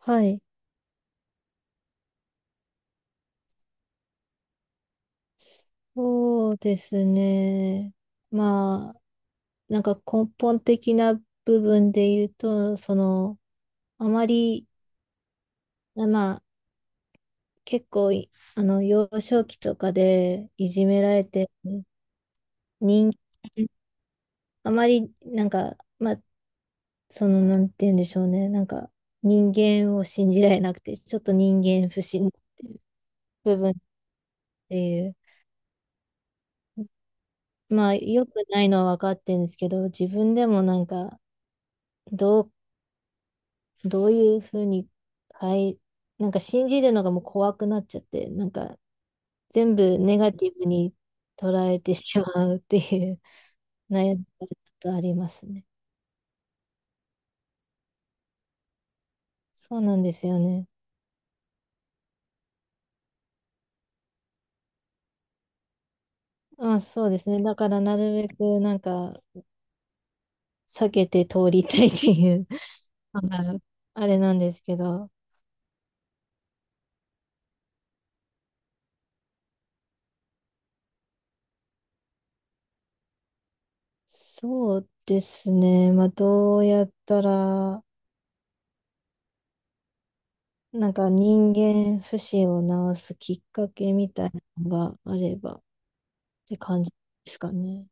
はい。そうですね。まあ、根本的な部分で言うと、あまり、あまあ、結構い、あの、幼少期とかでいじめられて、人、あまり、なんか、まあ、その、なんて言うんでしょうね。人間を信じられなくて、ちょっと人間不信っていう部分っていう。まあ、良くないのは分かってるんですけど、自分でもなんか、どうどういうふうに、はい、なんか信じるのがもう怖くなっちゃって、なんか全部ネガティブに捉えてしまうっていう 悩みがちょっとありますね。そうなんですよね。まあそうですね。だからなるべくなんか避けて通りたいっていう のがあれなんですけど、そうですね。まあどうやったら、なんか人間不信を直すきっかけみたいなのがあれば、て感じですかね。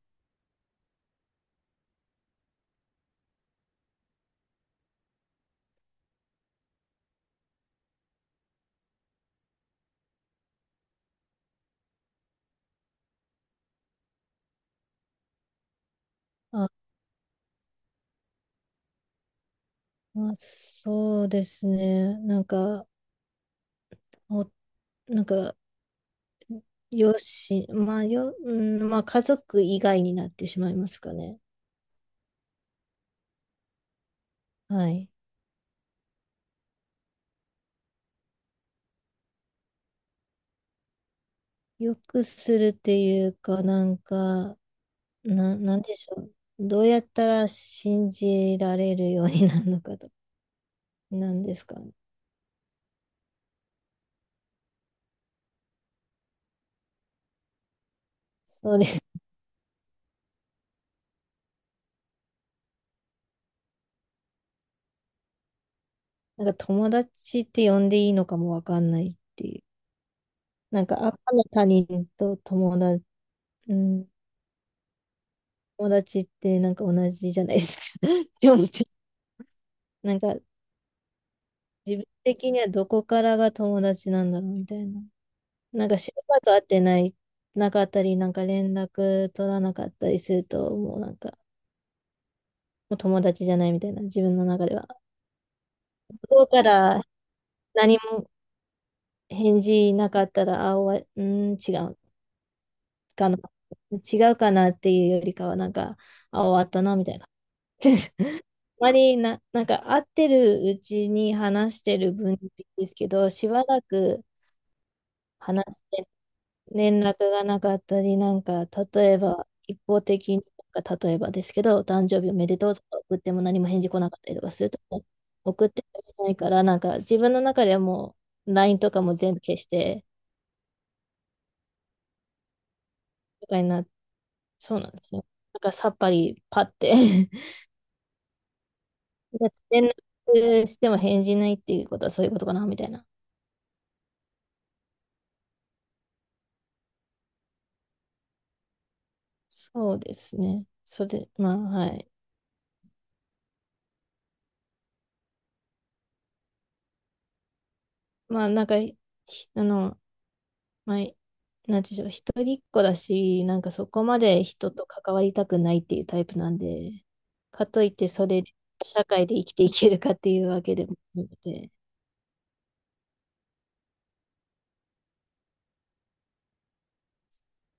あ、まあ、そうですね。おなんか、よし、まあ、よ、うん、まあ、家族以外になってしまいますかね。はい。よくするっていうか、なんでしょう。どうやったら信じられるようになるのかと、なんですかね。そうです。なんか、友達って呼んでいいのかもわかんないっていう。なんか、赤の他人と友達、うん友達ってなんか同じじゃないですか。でも、ちなんか自分的にはどこからが友達なんだろうみたいな。なんかしばらく会ってない、なかったり、なんか連絡取らなかったりすると、もうなんか、もう友達じゃないみたいな、自分の中では。向こうから何も返事なかったら、あ、終わり、うん、違うかな。違うかなっていうよりかは、なんか、あ、終わったな、みたいな。まりな、なんか会ってるうちに話してる分ですけど、しばらく話して連絡がなかったり、なんか例えば一方的に、なんか例えばですけど、お誕生日おめでとうとか送っても何も返事来なかったりとかすると、もう送ってくれないから、なんか自分の中ではもう LINE とかも全部消して、とかにな、そうなんですよ。なんかさっぱりパって 連絡しても返事ないっていうことはそういうことかな、みたいな。そうですね。それ、まあ、はい。まあ、なんか、ひあの、まあ、なんていうんでしょう、一人っ子だし、なんかそこまで人と関わりたくないっていうタイプなんで、かといって、社会で生きていけるかっていうわけでもなくて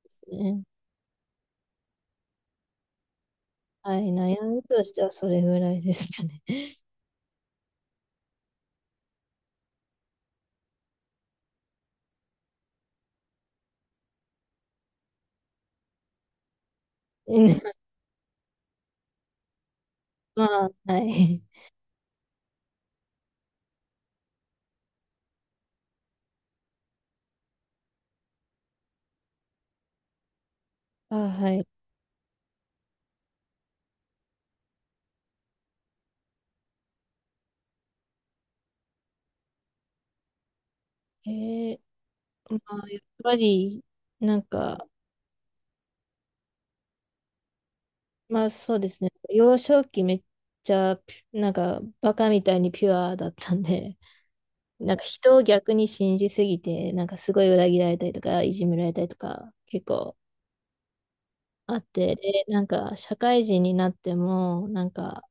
ですね。はい、悩みとしてはそれぐらいですかね。まあ、はい。あ、はい。えー、まあ、やっぱり、なんか、まあそうですね。幼少期めっちゃピュ、なんかバカみたいにピュアだったんで、なんか人を逆に信じすぎて、なんかすごい裏切られたりとか、いじめられたりとか結構あって、で、なんか社会人になっても、なんか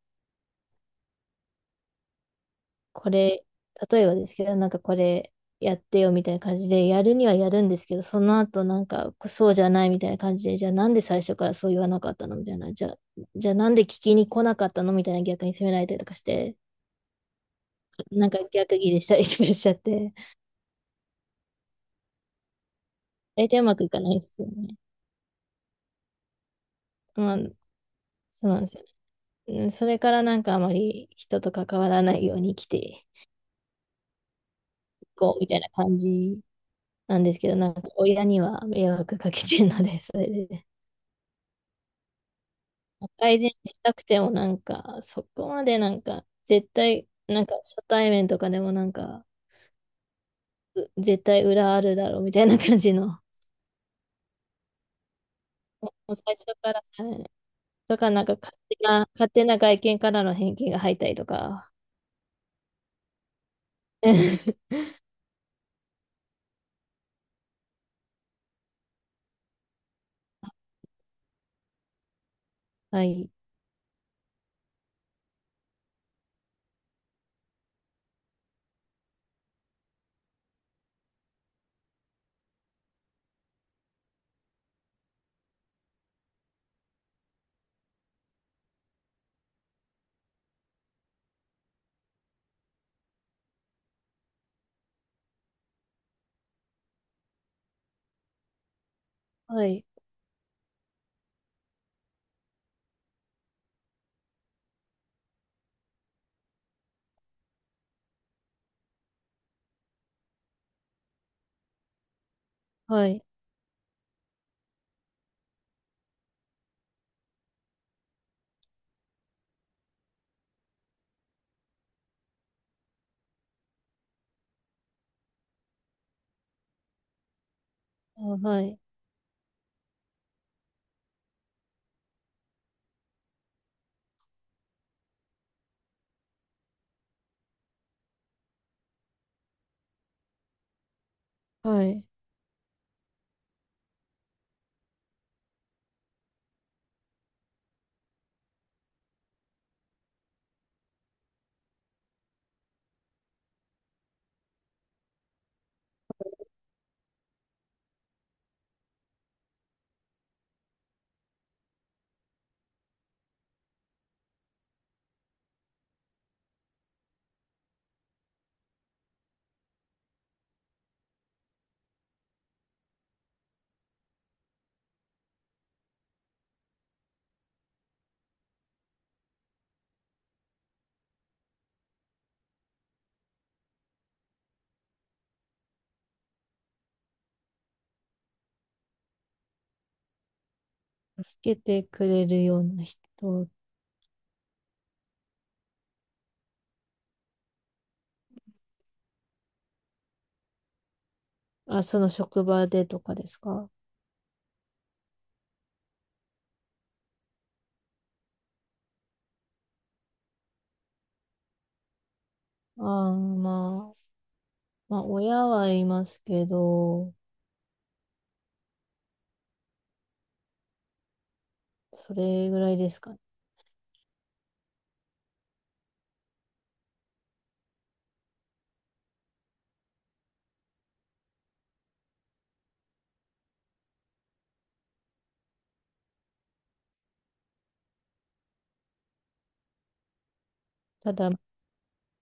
これ、例えばですけど、なんかこれやってよみたいな感じで、やるにはやるんですけど、その後なんかそうじゃないみたいな感じで、じゃあなんで最初からそう言わなかったのみたいな、じゃあ、じゃあなんで聞きに来なかったのみたいな逆に責められたりとかして、なんか逆ギレしたりとかしちゃって、大体うまくいかないですよね。まあ、そうなんですよね。うん、それからなんかあまり人と関わらないように生きていこうみたいな感じなんですけど、なんか親には迷惑かけてるので、それで改善したくてもなんか、そこまでなんか、絶対、なんか初対面とかでもなんか、絶対裏あるだろうみたいな感じの、もう最初から、はい、だからなんか勝手な外見からの偏見が入ったりとか、はい、はい、はい、あはい、はい。助けてくれるような人、あ、その職場でとかですか？ああ、まあ、まあ、親はいますけど、それぐらいですかね。ただ、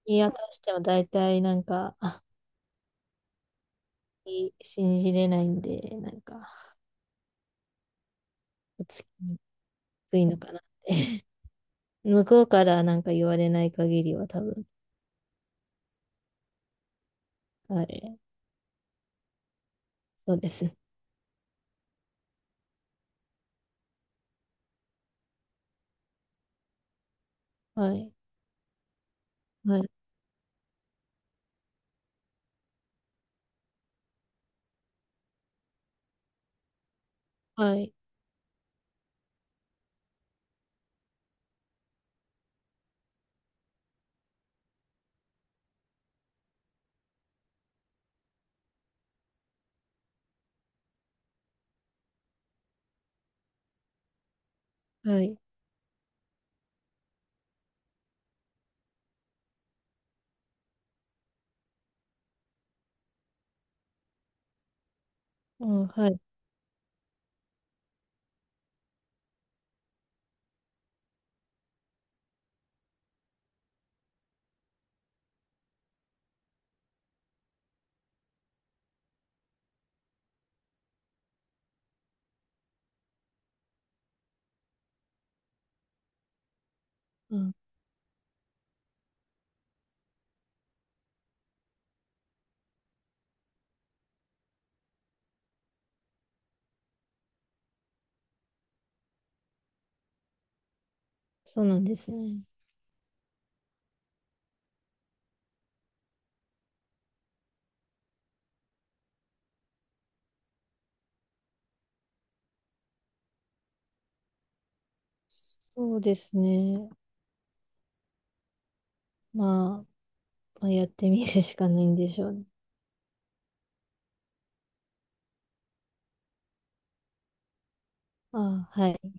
見渡しては大体なんか、信じれないんで、なんか、お付きにくいのかなって。向こうからなんか言われない限りは多分、はい、そうです。はい、はい、はい、はい、うん、はい、うん、そうなんですね。そうですね。まあ、まあ、やってみるしかないんでしょうね。あ、はい。